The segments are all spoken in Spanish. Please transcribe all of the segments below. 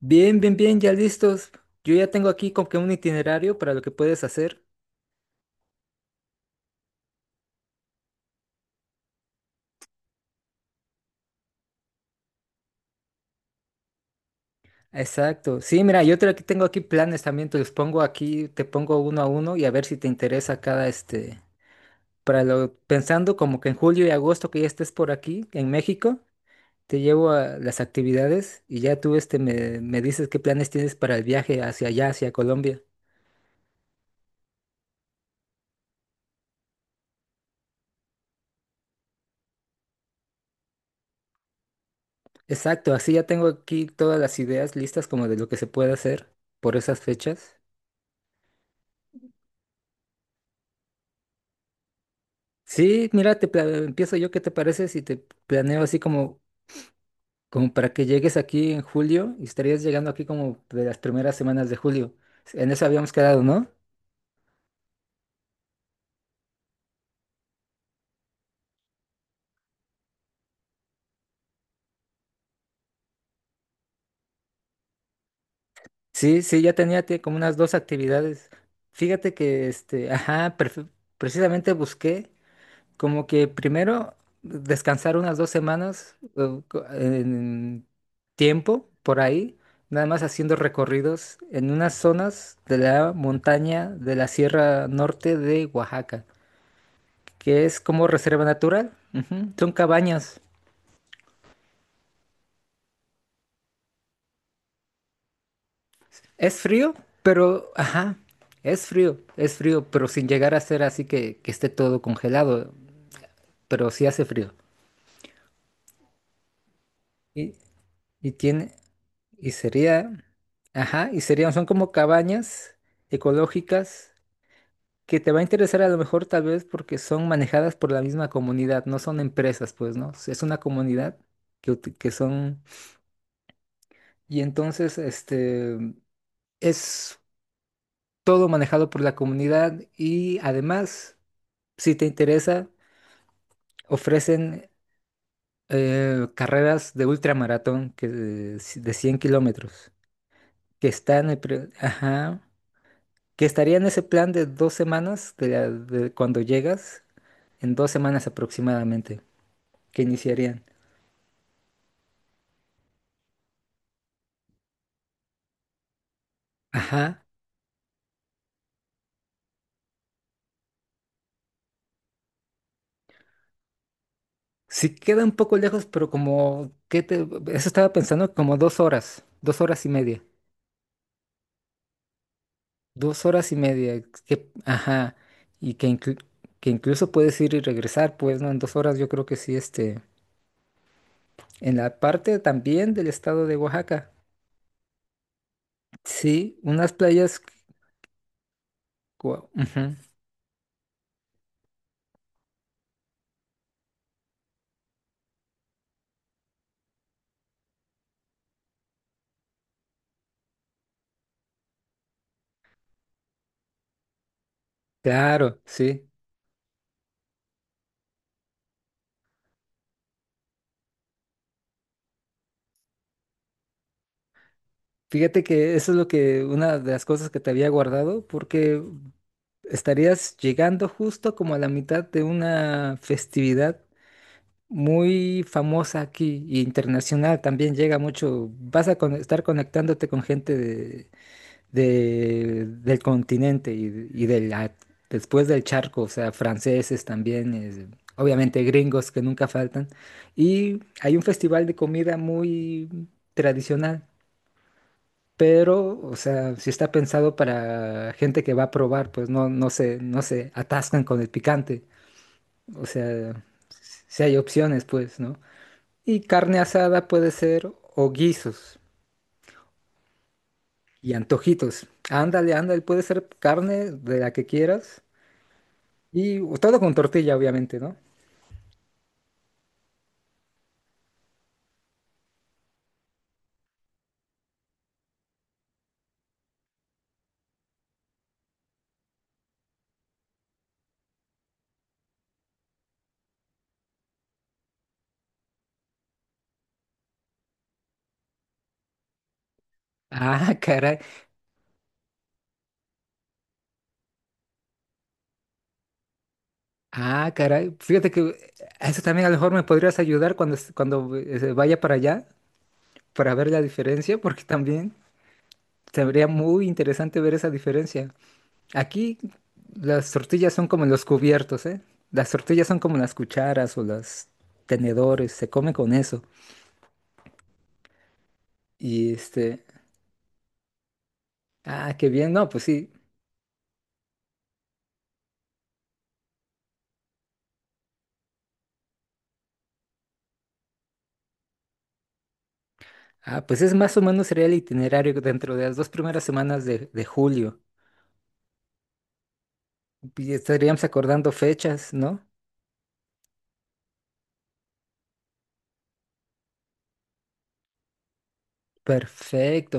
Bien, bien, bien, ya listos. Yo ya tengo aquí como que un itinerario para lo que puedes hacer. Exacto. Sí, mira, aquí tengo aquí planes también, te los pongo aquí, te pongo uno a uno y a ver si te interesa cada este, pensando como que en julio y agosto que ya estés por aquí, en México, te llevo a las actividades y ya tú me dices qué planes tienes para el viaje hacia allá, hacia Colombia. Exacto, así ya tengo aquí todas las ideas listas como de lo que se puede hacer por esas fechas. Sí, mira, empiezo yo. ¿Qué te parece si te planeo así como para que llegues aquí en julio y estarías llegando aquí como de las primeras semanas de julio? En eso habíamos quedado, ¿no? Sí, sí, ya tenía como unas 2 actividades. Fíjate que, ajá, precisamente busqué. Como que primero descansar unas 2 semanas en tiempo por ahí, nada más haciendo recorridos en unas zonas de la montaña de la Sierra Norte de Oaxaca, que es como reserva natural. Ujú, son cabañas. Es frío, pero, ajá, es frío, pero sin llegar a ser así que esté todo congelado, pero sí hace frío. Y, y tiene. Y sería, ajá, y serían, son como cabañas ecológicas que te va a interesar a lo mejor tal vez porque son manejadas por la misma comunidad, no son empresas, pues, ¿no? Es una comunidad que son, y entonces, es todo manejado por la comunidad y además, si te interesa, ofrecen carreras de ultramaratón que de 100 km kilómetros, que están, ajá, que estaría en ese plan de 2 semanas, de cuando llegas, en 2 semanas aproximadamente, que iniciarían. Ajá. Sí queda un poco lejos, pero como, ¿qué te? Eso estaba pensando, como 2 horas, dos horas y media, que, ajá, y que incluso puedes ir y regresar, pues, ¿no? En 2 horas yo creo que sí, en la parte también del estado de Oaxaca. Sí, unas playas. Ujú. Claro, sí. Fíjate que eso es lo que, una de las cosas que te había guardado, porque estarías llegando justo como a la mitad de una festividad muy famosa aquí y internacional. También llega mucho, vas a estar conectándote con gente de, del continente y después del charco, o sea, franceses también, obviamente gringos que nunca faltan. Y hay un festival de comida muy tradicional pero, o sea, si está pensado para gente que va a probar, pues no, no se atascan con el picante. O sea, si hay opciones, pues, ¿no? Y carne asada puede ser o guisos y antojitos. Ándale, ándale, puede ser carne de la que quieras y todo con tortilla, obviamente, ¿no? Ah, caray. Ah, caray. Fíjate que a eso también a lo mejor me podrías ayudar cuando vaya para allá para ver la diferencia, porque también. Sería muy interesante ver esa diferencia. Aquí las tortillas son como los cubiertos, ¿eh? Las tortillas son como las cucharas o los tenedores, se come con eso. Y ah, qué bien, no, pues sí. Ah, pues es más o menos sería el itinerario dentro de las 2 primeras semanas de julio. Y estaríamos acordando fechas, ¿no? Perfecto.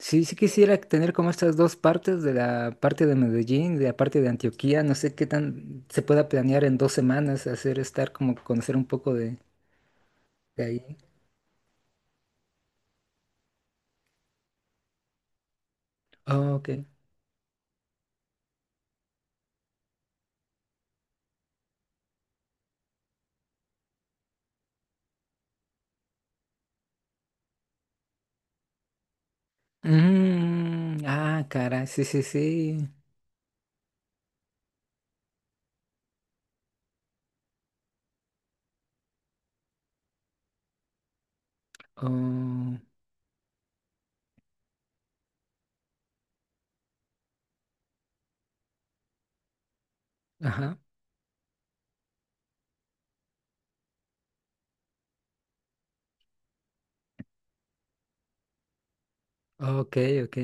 Sí, sí quisiera tener como estas 2 partes de la parte de Medellín, de la parte de Antioquía. No sé qué tan se pueda planear en 2 semanas hacer estar como conocer un poco de ahí. Oh, ok. Mm, ah, cara, sí, sí, sí. Oh, ajá. Ok, ok.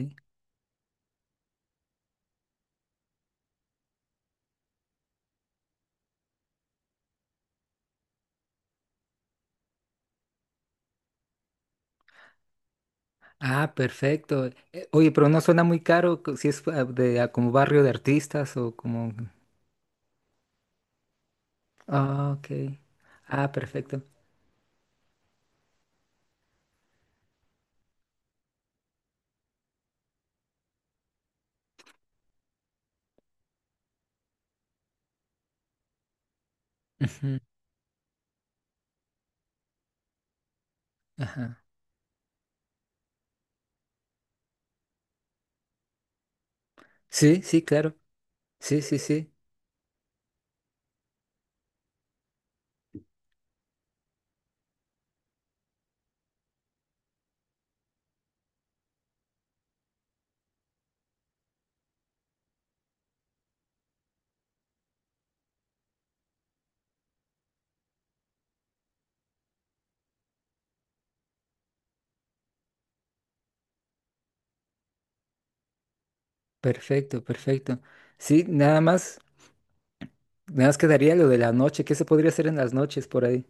Ah, perfecto. Oye, pero no suena muy caro si es de como barrio de artistas o como. Ah, ok. Ah, perfecto. Ujú. Ajá. Sí, sí, claro. Sí, sí, sí. Perfecto, perfecto. Sí, nada más, nada más quedaría lo de la noche. ¿Qué se podría hacer en las noches por ahí?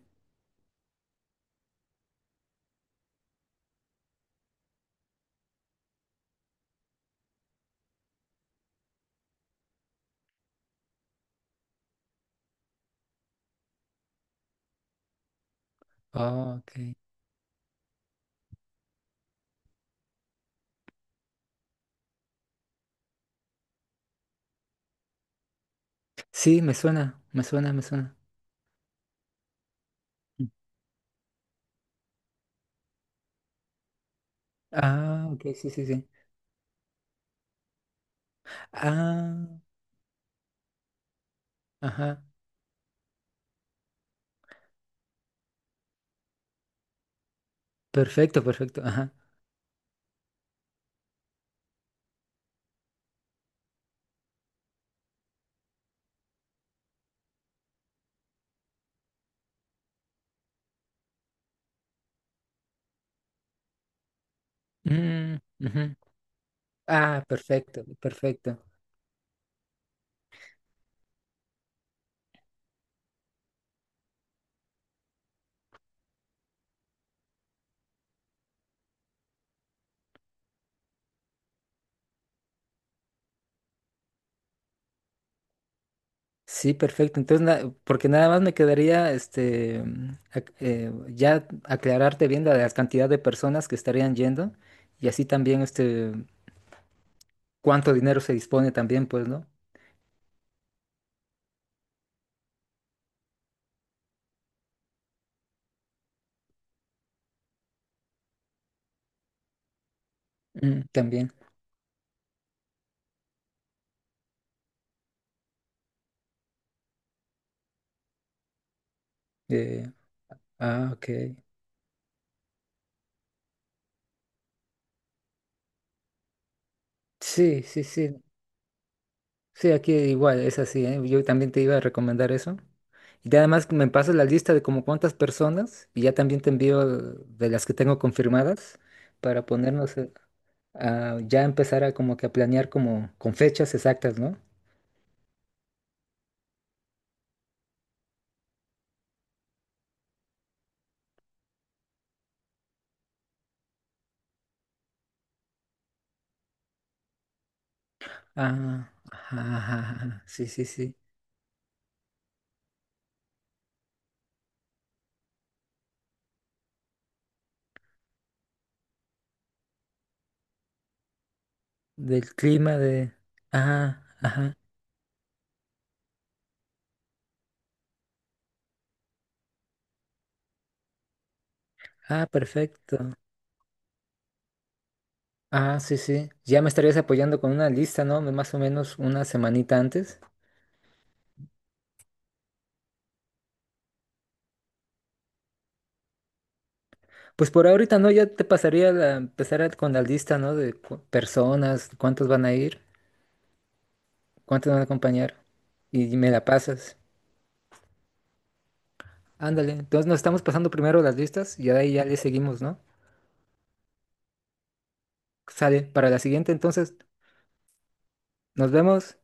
Ah, ok. Sí, me suena, me suena, me suena. Mm. Ah, ok, sí, sí, sí. Ah, ajá. Perfecto, perfecto, ajá. Mm, ujú. Ah, perfecto, perfecto. Sí, perfecto. Entonces, porque nada más me quedaría, ya aclararte bien la cantidad de personas que estarían yendo y así también, cuánto dinero se dispone también, pues, ¿no? Mm, también. eh, ok. Sí, sí, sí. Sí, aquí igual, es así, ¿eh? Yo también te iba a recomendar eso. Además me pasas la lista de como cuántas personas y ya también te envío de las que tengo confirmadas para ponernos ya empezar a como que a planear como con fechas exactas, ¿no? Ah, ajá, ajá, ajá, sí, sí, sí. Del clima de. Ajá, ajá. Ah, perfecto. Ah, sí, sí. Ya me estarías apoyando con una lista, ¿no? Más o menos una semanita antes. Pues por ahorita, ¿no? Ya te pasaría con la lista, ¿no? De personas, cuántos van a ir, cuántos van a acompañar. Y me la pasas. Ándale. Entonces nos estamos pasando primero las listas y de ahí ya le seguimos, ¿no? Sale. Para la siguiente, entonces, nos vemos.